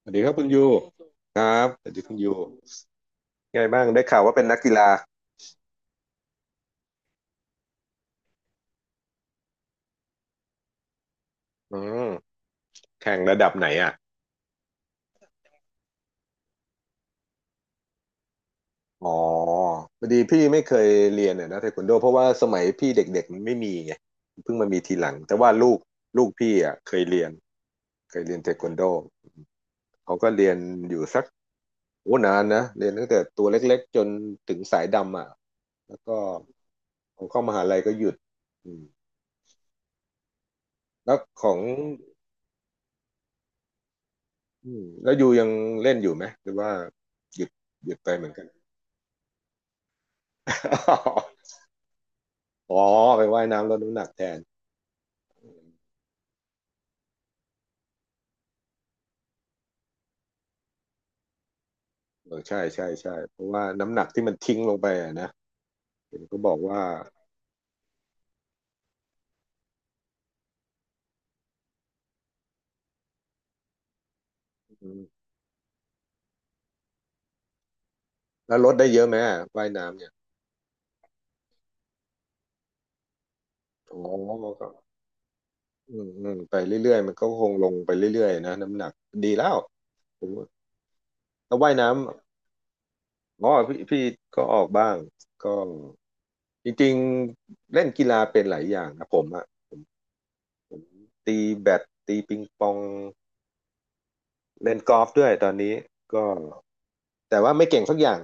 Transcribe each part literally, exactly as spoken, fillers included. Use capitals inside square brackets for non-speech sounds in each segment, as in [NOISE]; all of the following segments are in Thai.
สวัสดีครับคุณยูครับสวัสดีคุณยูไงบ้างได้ข่าวว่าเป็นนักกีฬาอืมแข่งระดับไหนอ่ะอ๋อพอดีพี่ไม่เคยเรียนเนี่ยนะเทควันโดเพราะว่าสมัยพี่เด็กๆมันไม่มีไงเพิ่งมามีทีหลังแต่ว่าลูกลูกพี่อ่ะเคยเรียนเคยเรียนเทควันโดเขาก็เรียนอยู่สักโอ้นานนะเรียนตั้งแต่ตัวเล็กๆจนถึงสายดำอ่ะแล้วก็พอเข้ามหาลัยก็หยุดอืมแล้วของอืมแล้วยูยังเล่นอยู่ไหมหรือว่าหยุดหยุดไปเหมือนกัน [LAUGHS] อ๋อไปว่ายน้ำลดน้ำหนักแทนเออใช่ใช่ใช่เพราะว่าน้ำหนักที่มันทิ้งลงไปอะนะเห็นก็บอกว่าอืมแล้วลดได้เยอะไหมอะว่ายน้ำเนี่ยอ๋อก็อืมอืมไปเรื่อยๆมันก็คงลงไปเรื่อยๆนะน้ำหนักดีแล้วผมว่าแล้วว่ายน้ำอ๋อพี่พี่ก็ออกบ้างก็จริงๆเล่นกีฬาเป็นหลายอย่างนะผมอะผมตีแบดตีปิงปองเล่นกอล์ฟด้วยตอนนี้ก็แต่ว่าไม่เก่งสักอย่าง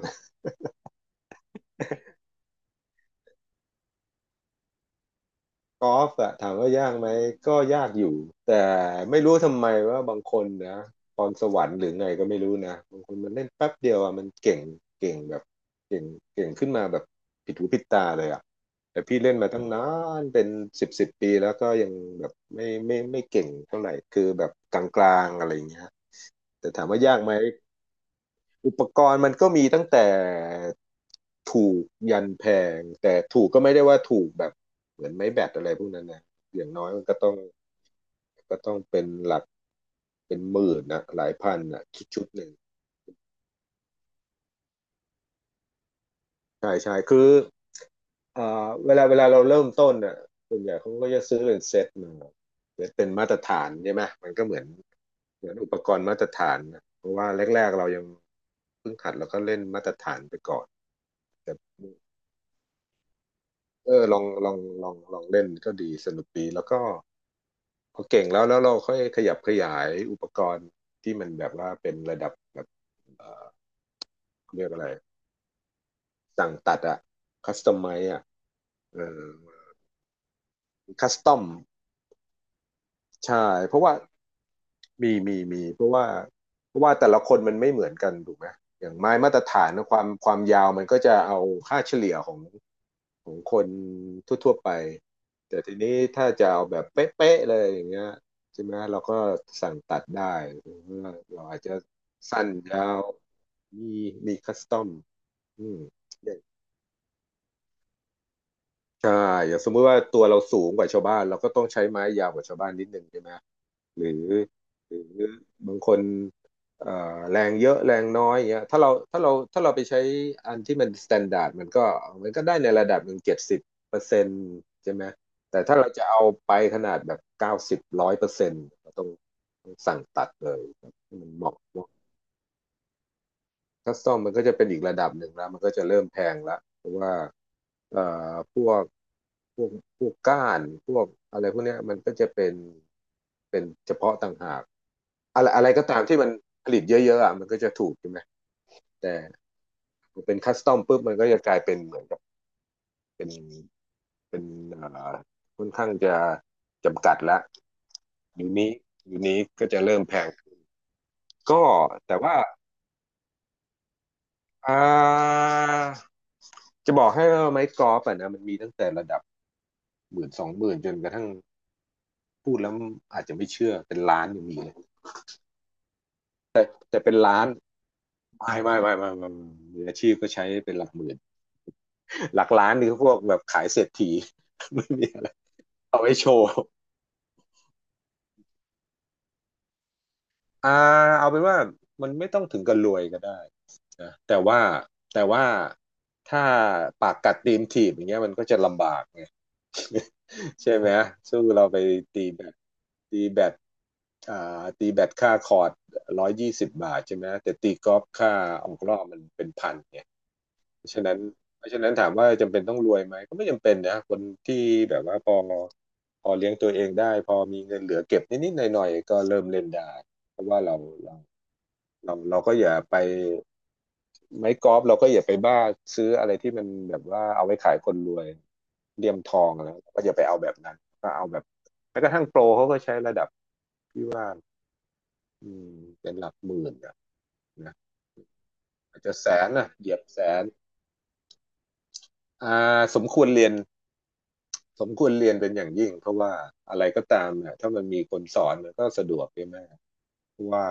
กอล์ฟอะถามว่ายากไหมก็ยากอยู่แต่ไม่รู้ทำไมว่าบางคนนะพรสวรรค์หรือไงก็ไม่รู้นะบางคนมันเล่นแป๊บเดียวอะมันเก่งเก่งแบบเก่งเก่งขึ้นมาแบบผิดหูผิดตาเลยอะแต่พี่เล่นมาตั้งนานเป็นสิบสิบปีแล้วก็ยังแบบไม่ไม่ไม่เก่งเท่าไหร่คือแบบกลางๆอะไรอย่างเงี้ยแต่ถามว่ายากไหม อุปกรณ์มันก็มีตั้งแต่ถูกยันแพงแต่ถูกก็ไม่ได้ว่าถูกแบบเหมือนไม้แบตอะไรพวกนั้นนะอย่างน้อยมันก็ต้องก็ต้องเป็นหลักเป็นหมื่นนะหลายพันนะชุดชุดหนึ่งใช่ใช่คือเอ่อเวลาเวลาเราเริ่มต้นน่ะส่วนใหญ่เขาก็จะซื้อเป็นเซตมาเป็นมาตรฐานใช่ไหมมันก็เหมือนเหมือนอุปกรณ์มาตรฐานนะเพราะว่าแรกๆเรายังเพิ่งหัดแล้วก็เล่นมาตรฐานไปก่อนแต่ เออลองลองลองลองเล่นก็ดีสนุกดีแล้วก็พอเก่งแล้วแล้วเราค่อยขยับขยายอุปกรณ์ที่มันแบบว่าเป็นระดับแบบเอ่อเรียกอะไรสั่งตัดอะคัสตอมไมอะเออคัสตอมใช่เพราะว่ามีมีมีเพราะว่าเพราะว่าแต่ละคนมันไม่เหมือนกันถูกไหมอย่างไม้มาตรฐานนะความความยาวมันก็จะเอาค่าเฉลี่ยของ ของคนทั่วๆไปแต่ทีนี้ถ้าจะเอาแบบเป๊ะๆเลยอย่างเงี้ยใช่ไหมเราก็สั่งตัดได้หรือว่าเราอาจจะสั้นยาวมีมีคัสตอมอืมอย่างใช่อย่างสมมุติว่าตัวเราสูงกว่าชาวบ้านเราก็ต้องใช้ไม้ยาวกว่าชาวบ้านนิดนึงใช่ไหม หรือหรือบางคนเอ่อแรงเยอะแรงน้อยอย่างเงี้ยถ้าเราถ้าเราถ้าเราไปใช้อันที่มันสแตนดาร์ดมันก็มันก็ได้ในระดับหนึ่งเจ็ดสิบเปอร์เซ็นต์ใช่ไหมแต่ถ้าเราจะเอาไปขนาดแบบเก้าสิบร้อยเปอร์เซ็นต์เราต้องต้องสั่งตัดเลยครับให้มันเหมาะ คัสตอมมันก็จะเป็นอีกระดับหนึ่งแล้วมันก็จะเริ่มแพงละเพราะว่าเอ่อพวกพวกพวกก้านพวกอะไรพวกเนี้ยมันก็จะเป็นเป็นเฉพาะต่างหากอะไรอะไรก็ตามที่มันผลิตเยอะๆอ่ะมันก็จะถูกใช่ไหมแต่พอเป็นคัสตอมปุ๊บมันก็จะกลายเป็นเหมือนกับเป็นเป็นเอ่อค่อนข้างจะจำกัดละอยู่นี้อยู่นี้ก็จะเริ่มแพงก็แต่ว่า อ่าจะบอกให้ว่าไม้กอล์ฟอะนะมันมีตั้งแต่ระดับหมื่นสองหมื่นจนกระทั่งพูดแล้วอาจจะไม่เชื่อเป็นล้านยังมีเลยแต่เป็นล้านไม่ไม่ไม่ไม่ไม่ไม่มืออาชีพก็ใช้เป็นหลักหมื่นหลักล้านนี่ก็พวกแบบขายเศรษฐี [LAUGHS] ไม่มีอะไรเอาไว้โชว์อ่าเอาเป็นว่ามันไม่ต้องถึงกับรวยก็ได้นะแต่ว่าแต่ว่าถ้าปากกัดตีนถีบอย่างเงี้ยมันก็จะลำบากไง ใช่ไหมสู้เราไปตีแบตตีแบตอ่าตีแบตค่าคอร์ดร้อยยี่สิบบาทใช่ไหมแต่ตีกอล์ฟค่าออกรอบมันเป็นพันไงเพราะฉะนั้นเพราะฉะนั้นถามว่าจำเป็นต้องรวยไหมก็ไม่จำเป็นนะคนที่แบบว่าพอพอเลี้ยงตัวเองได้พอมีเงินเหลือเก็บนิดๆหน่อยๆก็เริ่มเล่นได้เพราะว่าเราเรา เราเราก็อย่าไปไม้กอล์ฟเราก็อย่าไปบ้าซื้ออะไรที่มันแบบว่าเอาไว้ขายคนรวยเหลี่ยมทองแล้วก็อย่าไปเอาแบบนั้นก็เอาแบบแม้กระทั่งโปรเขาก็ใช้ระดับที่ว่าอืมเป็นหลักหมื่นอะนะอาจจะแสนนะเหยียบแสนอ่าสมควรเรียนสมควรเรียนเป็นอย่างยิ่งเพราะว่าอะไรก็ตามเนี่ยถ้ามันมีคนสอนมันก็สะดวกใช่ไหมเพราะว่า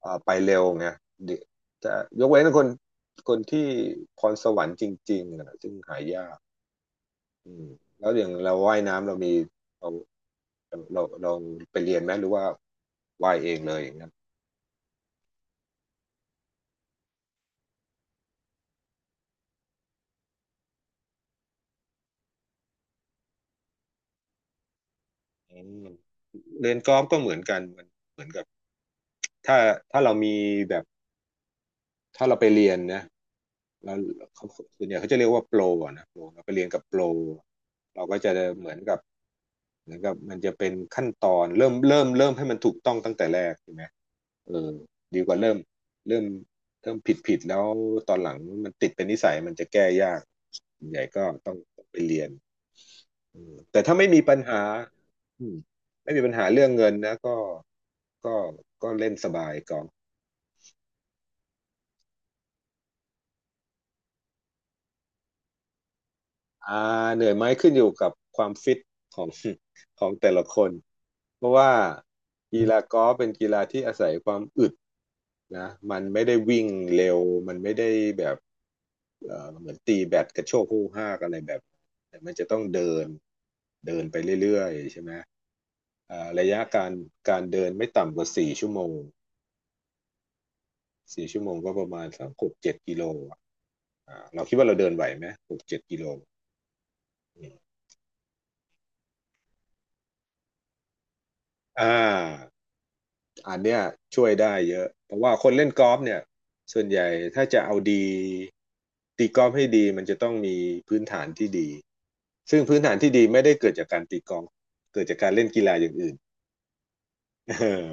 เอ่อไปเร็วไงเดี๋ยวจะยกเว้นคนคนที่พรสวรรค์จริงๆนะซึ่งหายากอืมแล้วอย่างเราว่ายน้ำเรามีเราเราเราไปเรียนไหมหรือว่าว่ายเองเลยอย่างนั้นอืมเรียนกอล์ฟก็เหมือนกันมันเหมือนกับถ้าถ้าเรามีแบบถ้าเราไปเรียนนะแล้วเขาส่วนใหญ่เขาจะเรียกว่าโปรอะนะโปรเราไปเรียนกับโปรเราก็จะเหมือนกับเหมือนกับมันจะเป็นขั้นตอนเริ่มเริ่มเริ่มให้มันถูกต้องตั้งแต่แรกใช่ไหม เออดีกว่าเริ่มเริ่มเริ่มผิดผิดแล้วตอนหลังมันติดเป็นนิสัยมันจะแก้ยากส่วนใหญ่ก็ต้องต้องไปเรียนอืมแต่ถ้าไม่มีปัญหาอืมไม่มีปัญหาเรื่องเงินนะก็ก็ก็เล่นสบายก่อนอ่าเหนื่อยไหมขึ้นอยู่กับความฟิตของ [LAUGHS] ของแต่ละคนเพราะว่ากีฬากอล์ฟเป็นกีฬาที่อาศัยความอึดนะมันไม่ได้วิ่งเร็วมันไม่ได้แบบ เอ่อเหมือนตีแบดกระโชกฮู้ฮากอะไรแบบแต่มันจะต้องเดินเดินไปเรื่อยๆใช่ไหมเอ่อระยะการการเดินไม่ต่ำกว่าสี่ชั่วโมงสี่ชั่วโมงก็ประมาณสักหกเจ็ดกิโลอะอ่าเราคิดว่าเราเดินไหวไหมหกเจ็ดกิโลอืมอ่าอันเนี้ยช่วยได้เยอะเพราะว่าคนเล่นกอล์ฟเนี่ยส่วนใหญ่ถ้าจะเอาดีตีกอล์ฟให้ดีมันจะต้องมีพื้นฐานที่ดีซึ่งพื้นฐานที่ดีไม่ได้เกิดจากการตีกอล์ฟเกิดจากการเล่นกีฬาอย่างอื่น เออ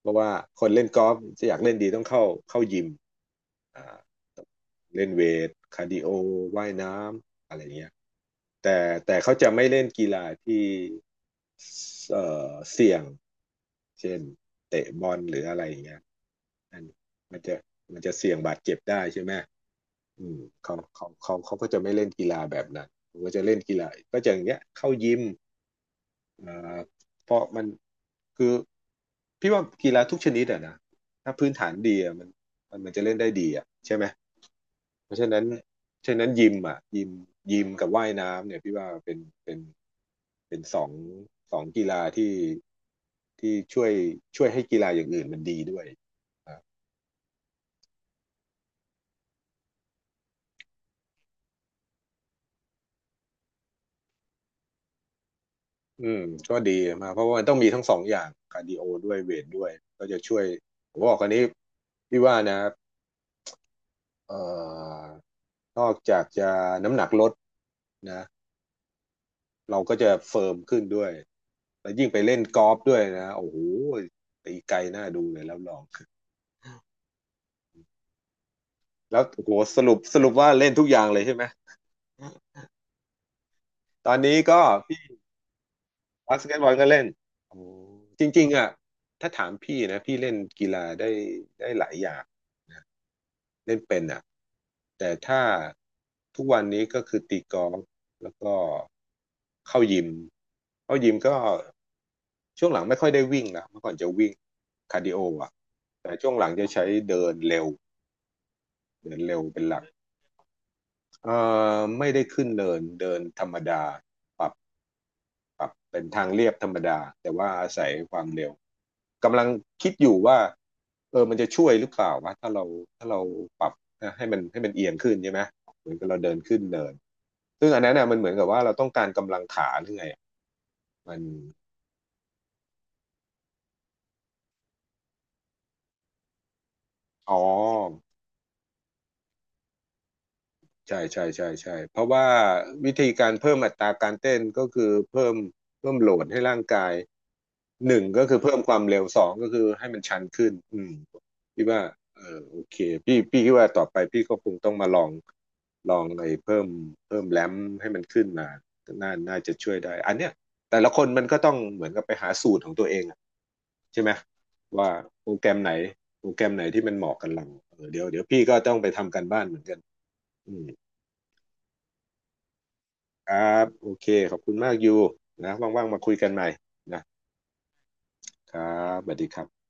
เพราะว่าคนเล่นกอล์ฟจะอยากเล่นดีต้องเข้าเข้ายิมอ่าเล่นเวทคาร์ดิโอว่ายน้ำอะไรเงี้ยแต่แต่เขาจะไม่เล่นกีฬาที่เอ่อเสี่ยงเช่นเตะบอลหรืออะไรอย่างเงี้ยอันมันจะมันจะเสี่ยงบาดเจ็บได้ใช่ไหมอืมเขาเขาเขาเขาก็จะไม่เล่นกีฬาแบบนั้นเขาก็จะเล่นกีฬาก็จะอย่างเงี้ยเข้ายิม อ่าเพราะมันคือพี่ว่ากีฬาทุกชนิดอะนะถ้าพื้นฐานดีอะมันมันมันจะเล่นได้ดีอะใช่ไหมเพราะฉะนั้นฉะนั้นยิมอะยิมยิมกับว่ายน้ำเนี่ยพี่ว่าเป็นเป็นเป็นสองสองกีฬาที่ที่ช่วยช่วยให้กีฬาอย่างอื่นมันดีด้วยครับอืมก็ดีมากเพราะว่ามันต้องมีทั้งสองอย่างคาร์ดิโอด้วยเวทด้วยก็จะช่วยผมบอกอันนี้พี่ว่านะเอ่อนอกจากจะน้ำหนักลด นะเราก็จะเฟิร์มขึ้นด้วยแล้วยิ่งไปเล่นกอล์ฟด้วยนะโอ้โหตีไกลน่าดูเลยแล้วลองแล้วโอ้โหสรุปสรุปว่าเล่นทุกอย่างเลยใช่ไหมตอนนี้ก็พี่บาสเกตบอลก็เล่นโอ้จริงๆอ่ะถ้าถามพี่นะพี่เล่นกีฬาได้ได้หลายอย่าง เล่นเป็นอ่ะแต่ถ้าทุกวันนี้ก็คือตีกอล์ฟแล้วก็เข้ายิมเข้ายิมก็ช่วงหลังไม่ค่อยได้วิ่งนะเมื่อก่อนจะวิ่งคาร์ดิโออ่ะแต่ช่วงหลังจะใช้เดินเร็วเดินเร็วเป็นหลักเอ่อไม่ได้ขึ้นเนินเดินธรรมดาปรับ ปรับเป็นทางเรียบธรรมดาแต่ว่าอาศัยความเร็วกำลังคิดอยู่ว่าเออมันจะช่วยหรือเปล่าวะถ้าเราถ้าเราปรับนะให้มันให้มันเอียงขึ้นใช่ไหมเหมือนกับเราเดินขึ้นเนินซึ่งอันนั้นน่ะมันเหมือนกับว่าเราต้องการกำลังขาหรือไงอยมันอ๋อ ใช่ใช่ใช่ใช่เพราะว่าวิธีการเพิ่มอัตราการเต้นก็คือเพิ่มเพิ่มโหลดให้ร่างกายหนึ่งก็คือเพิ่มความเร็วสองก็คือให้มันชันขึ้นอืมพี่ว่าเออโอเคพี่พี่คิดว่าต่อไปพี่ก็คงต้องมาลองลองไอ้เพิ่มเพิ่มแรมให้มันขึ้นมาน่าน่าจะช่วยได้อันเนี้ยแต่ละคนมันก็ต้องเหมือนกับไปหาสูตรของตัวเองอะใช่ไหมว่าโปรแกรมไหนโปรแกรมไหนที่มันเหมาะกับเราเออเดี๋ยวเดี๋ยวพี่ก็ต้องไปทำการบ้านเหมือนกันอืม ครับโอเคขอบคุณมากยูนะว่างๆมาคุยกันใหม่นะครับสวัสดีครับ